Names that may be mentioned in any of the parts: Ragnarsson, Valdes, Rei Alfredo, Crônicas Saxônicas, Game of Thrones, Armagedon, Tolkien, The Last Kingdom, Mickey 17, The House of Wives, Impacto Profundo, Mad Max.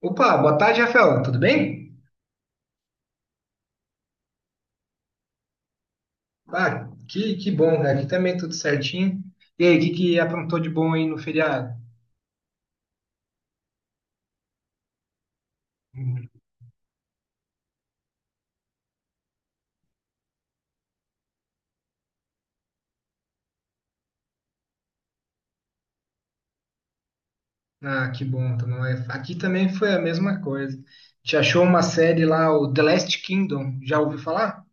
Opa, boa tarde, Rafael. Tudo bem? Ah, que bom, cara. Aqui também tudo certinho. E aí, o que aprontou de bom aí no feriado? Ah, que bom. Então, não é- aqui também foi a mesma coisa. Te achou uma série lá, o The Last Kingdom. Já ouviu falar?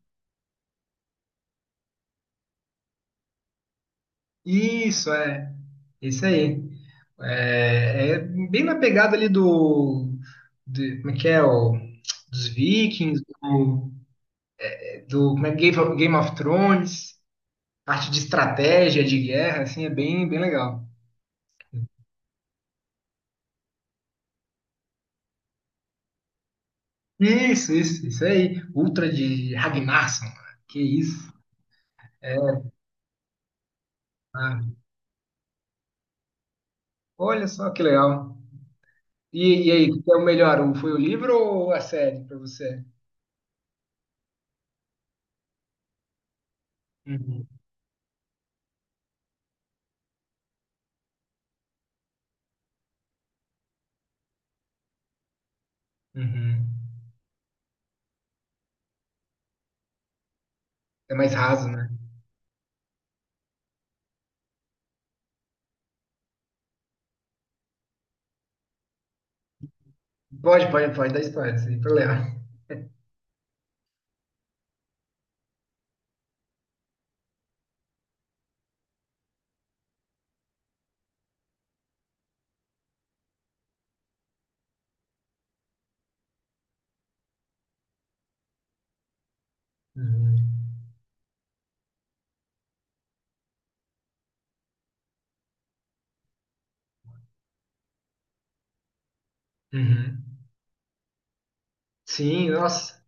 Isso, é. Isso aí. É, é bem na pegada ali do, como é que é, o, dos Vikings, do, do como é, Game of Thrones, parte de estratégia, de guerra, assim, é bem, bem legal. Isso aí. Ultra de Ragnarsson. Que isso. Ah, olha só que legal. E aí, o que é o melhor? Foi o livro ou a série pra você? Uhum, uhum. É mais raso, né? Pode, pode, pode dar spoiler, sem problema. Uhum. Uhum. Sim, nossa.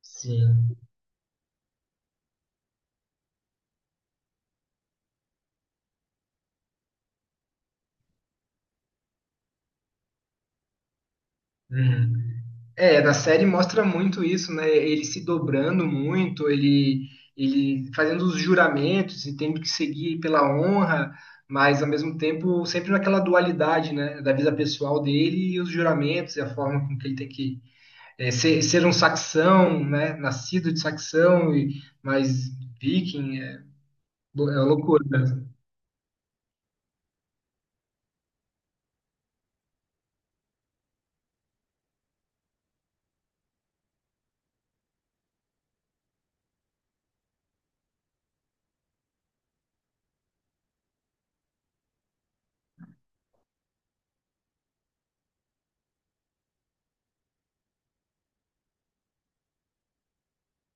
Sim. Uhum. É, na série mostra muito isso, né? Ele se dobrando muito, ele fazendo os juramentos e tendo que seguir pela honra, mas ao mesmo tempo sempre naquela dualidade, né? Da vida pessoal dele e os juramentos e a forma com que ele tem que ser, ser um saxão, né? Nascido de saxão, e, mas viking, é, é loucura.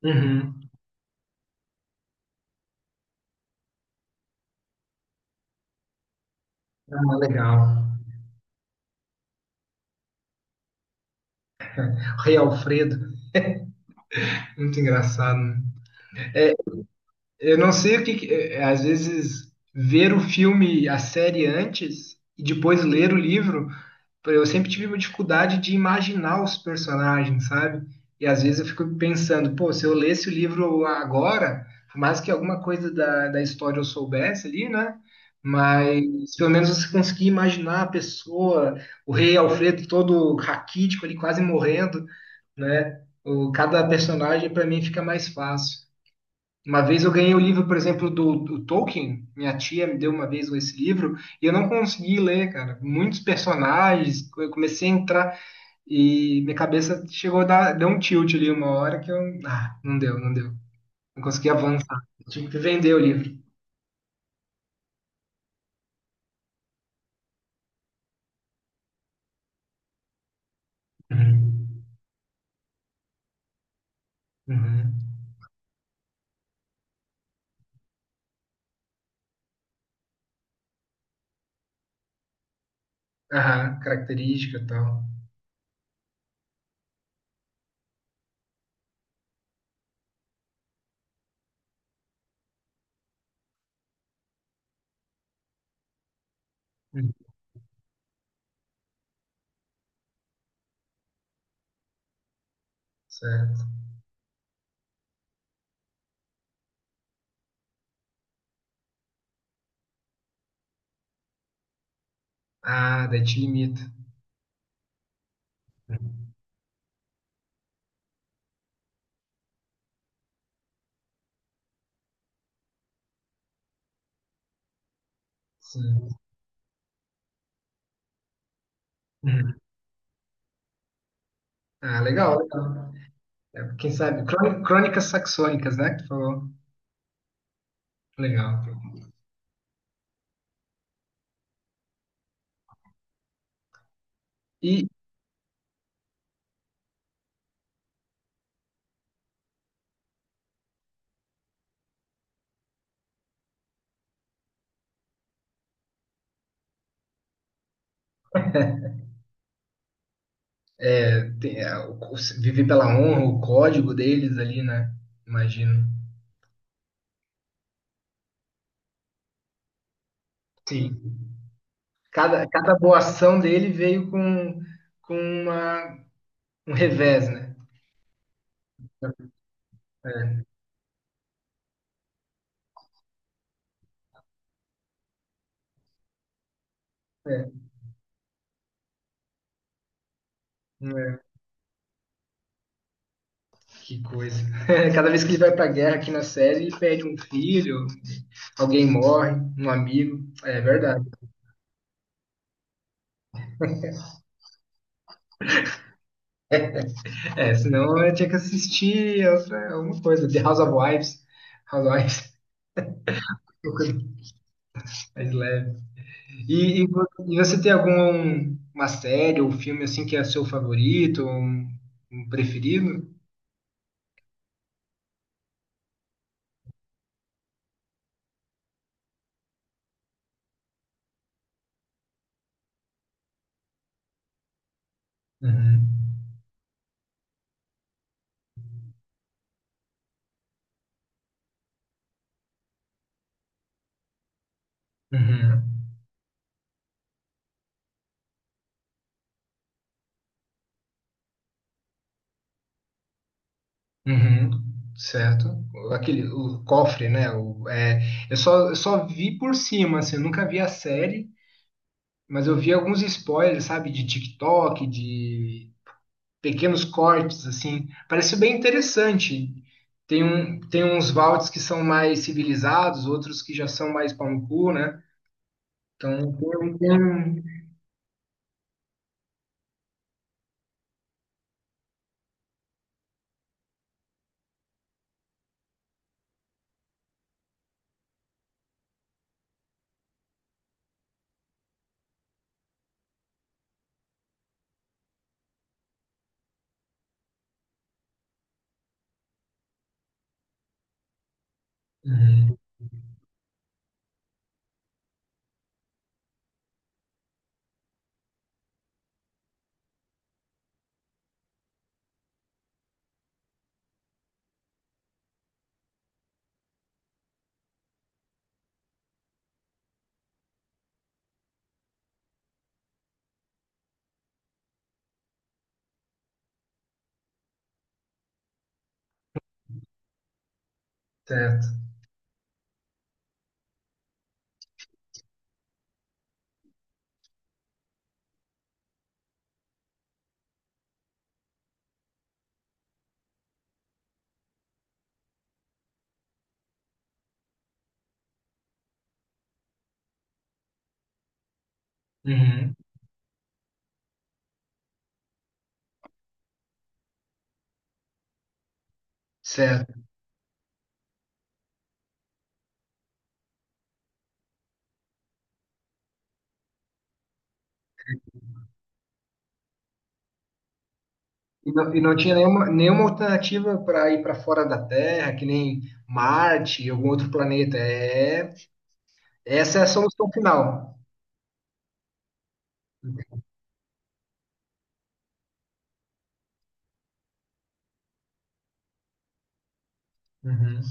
Uhum. Ah, legal. Rei Alfredo, muito engraçado, né? Eu não sei o que às vezes ver o filme, a série antes e depois ler o livro, eu sempre tive uma dificuldade de imaginar os personagens, sabe? E às vezes eu fico pensando, pô, se eu lesse o livro agora, por mais que alguma coisa da história eu soubesse ali, né? Mas pelo menos você conseguia imaginar a pessoa, o rei Alfredo todo raquítico ali, quase morrendo, né? O, cada personagem para mim fica mais fácil. Uma vez eu ganhei o livro, por exemplo, do Tolkien. Minha tia me deu uma vez esse livro e eu não consegui ler, cara. Muitos personagens, eu comecei a entrar e minha cabeça chegou a dar, deu um tilt ali uma hora que eu. Ah, não deu, não deu. Não consegui avançar. Eu tive que vender o livro. Uhum. Uhum. Aham, característica e tal. Uhum. Certo. Ah, daí te limita. Uhum. Sim. Uhum. Ah, legal, legal. É, quem sabe? Crônicas saxônicas, né? Que tu falou. Legal. E é, tem, é, o- viver pela honra, o código deles ali, né? Imagino. Sim, cada, cada boa ação dele veio com uma, um revés, né? É, é, é. Que coisa. Cada vez que ele vai pra guerra aqui na série, ele perde um filho, alguém morre, um amigo. É verdade. É, senão eu tinha que assistir alguma coisa. The House of Wives. House of Wives. Mais leve. E você tem alguma série ou filme assim que é seu favorito, um preferido? Uhum. Uhum. Uhum. Certo. Aquele, o cofre, né? O, é, eu só vi por cima, assim, eu nunca vi a série, mas eu vi alguns spoilers, sabe, de TikTok, de pequenos cortes, assim. Pareceu bem interessante. Tem, um, tem uns Valdes que são mais civilizados, outros que já são mais pau no cu, né? Então, tem, tem... Uhum, certo. Uhum, certo. E não tinha nenhuma, nenhuma alternativa para ir para fora da Terra, que nem Marte, algum outro planeta. É, essa é a solução final. Uhum.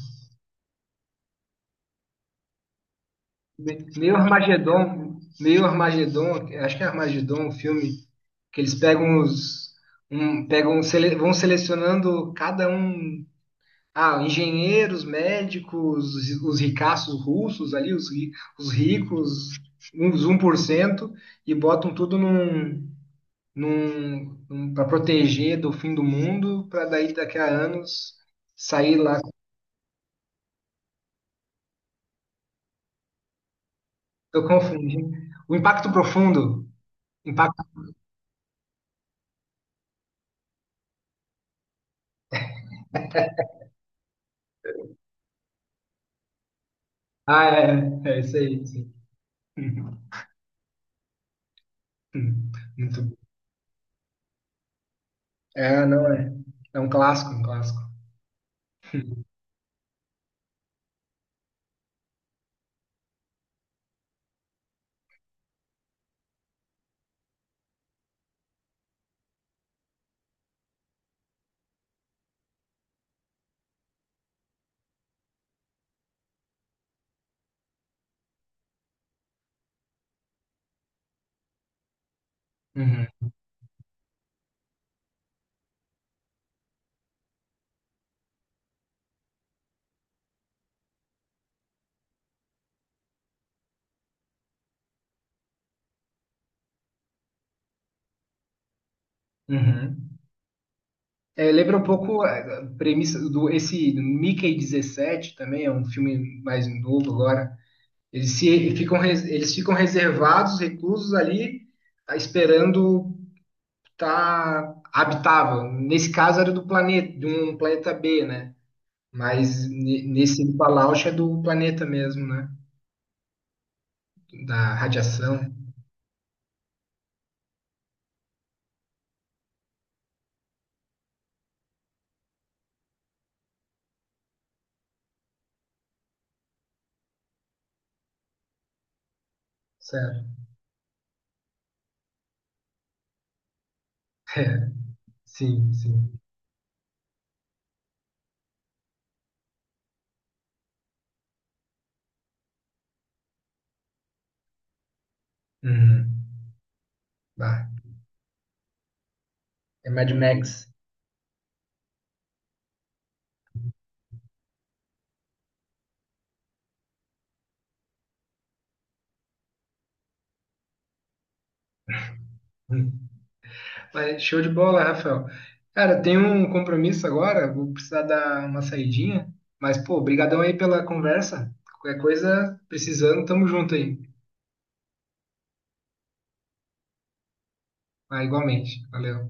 Meio Armagedon, acho que é Armagedon, o filme que eles pegam os, um, pegam, vão selecionando cada um. Ah, engenheiros, médicos, os ricaços russos ali, os ricos, uns 1% e botam tudo num, para proteger do fim do mundo, para daí daqui a anos sair lá. Eu confundi. O impacto profundo. Impacto. Ah, é, é é isso aí, sim. Muito bom. É, não é. É um clássico, um clássico. Uhum, uhum. É, lembra um pouco a premissa do esse do Mickey 17 também, é um filme mais novo agora. Eles, se, ficam, eles ficam reservados, reclusos ali, ah, esperando estar habitável. Nesse caso era do planeta, de um planeta B, né? Mas nesse do Palauche é do planeta mesmo, né? Da radiação, certo? É, sim, sim. Uhum. Bah, é Mad Max. Hum. Mas show de bola, Rafael. Cara, tenho um compromisso agora, vou precisar dar uma saidinha. Mas, pô, brigadão aí pela conversa. Qualquer coisa, precisando, tamo junto aí. Ah, igualmente. Valeu.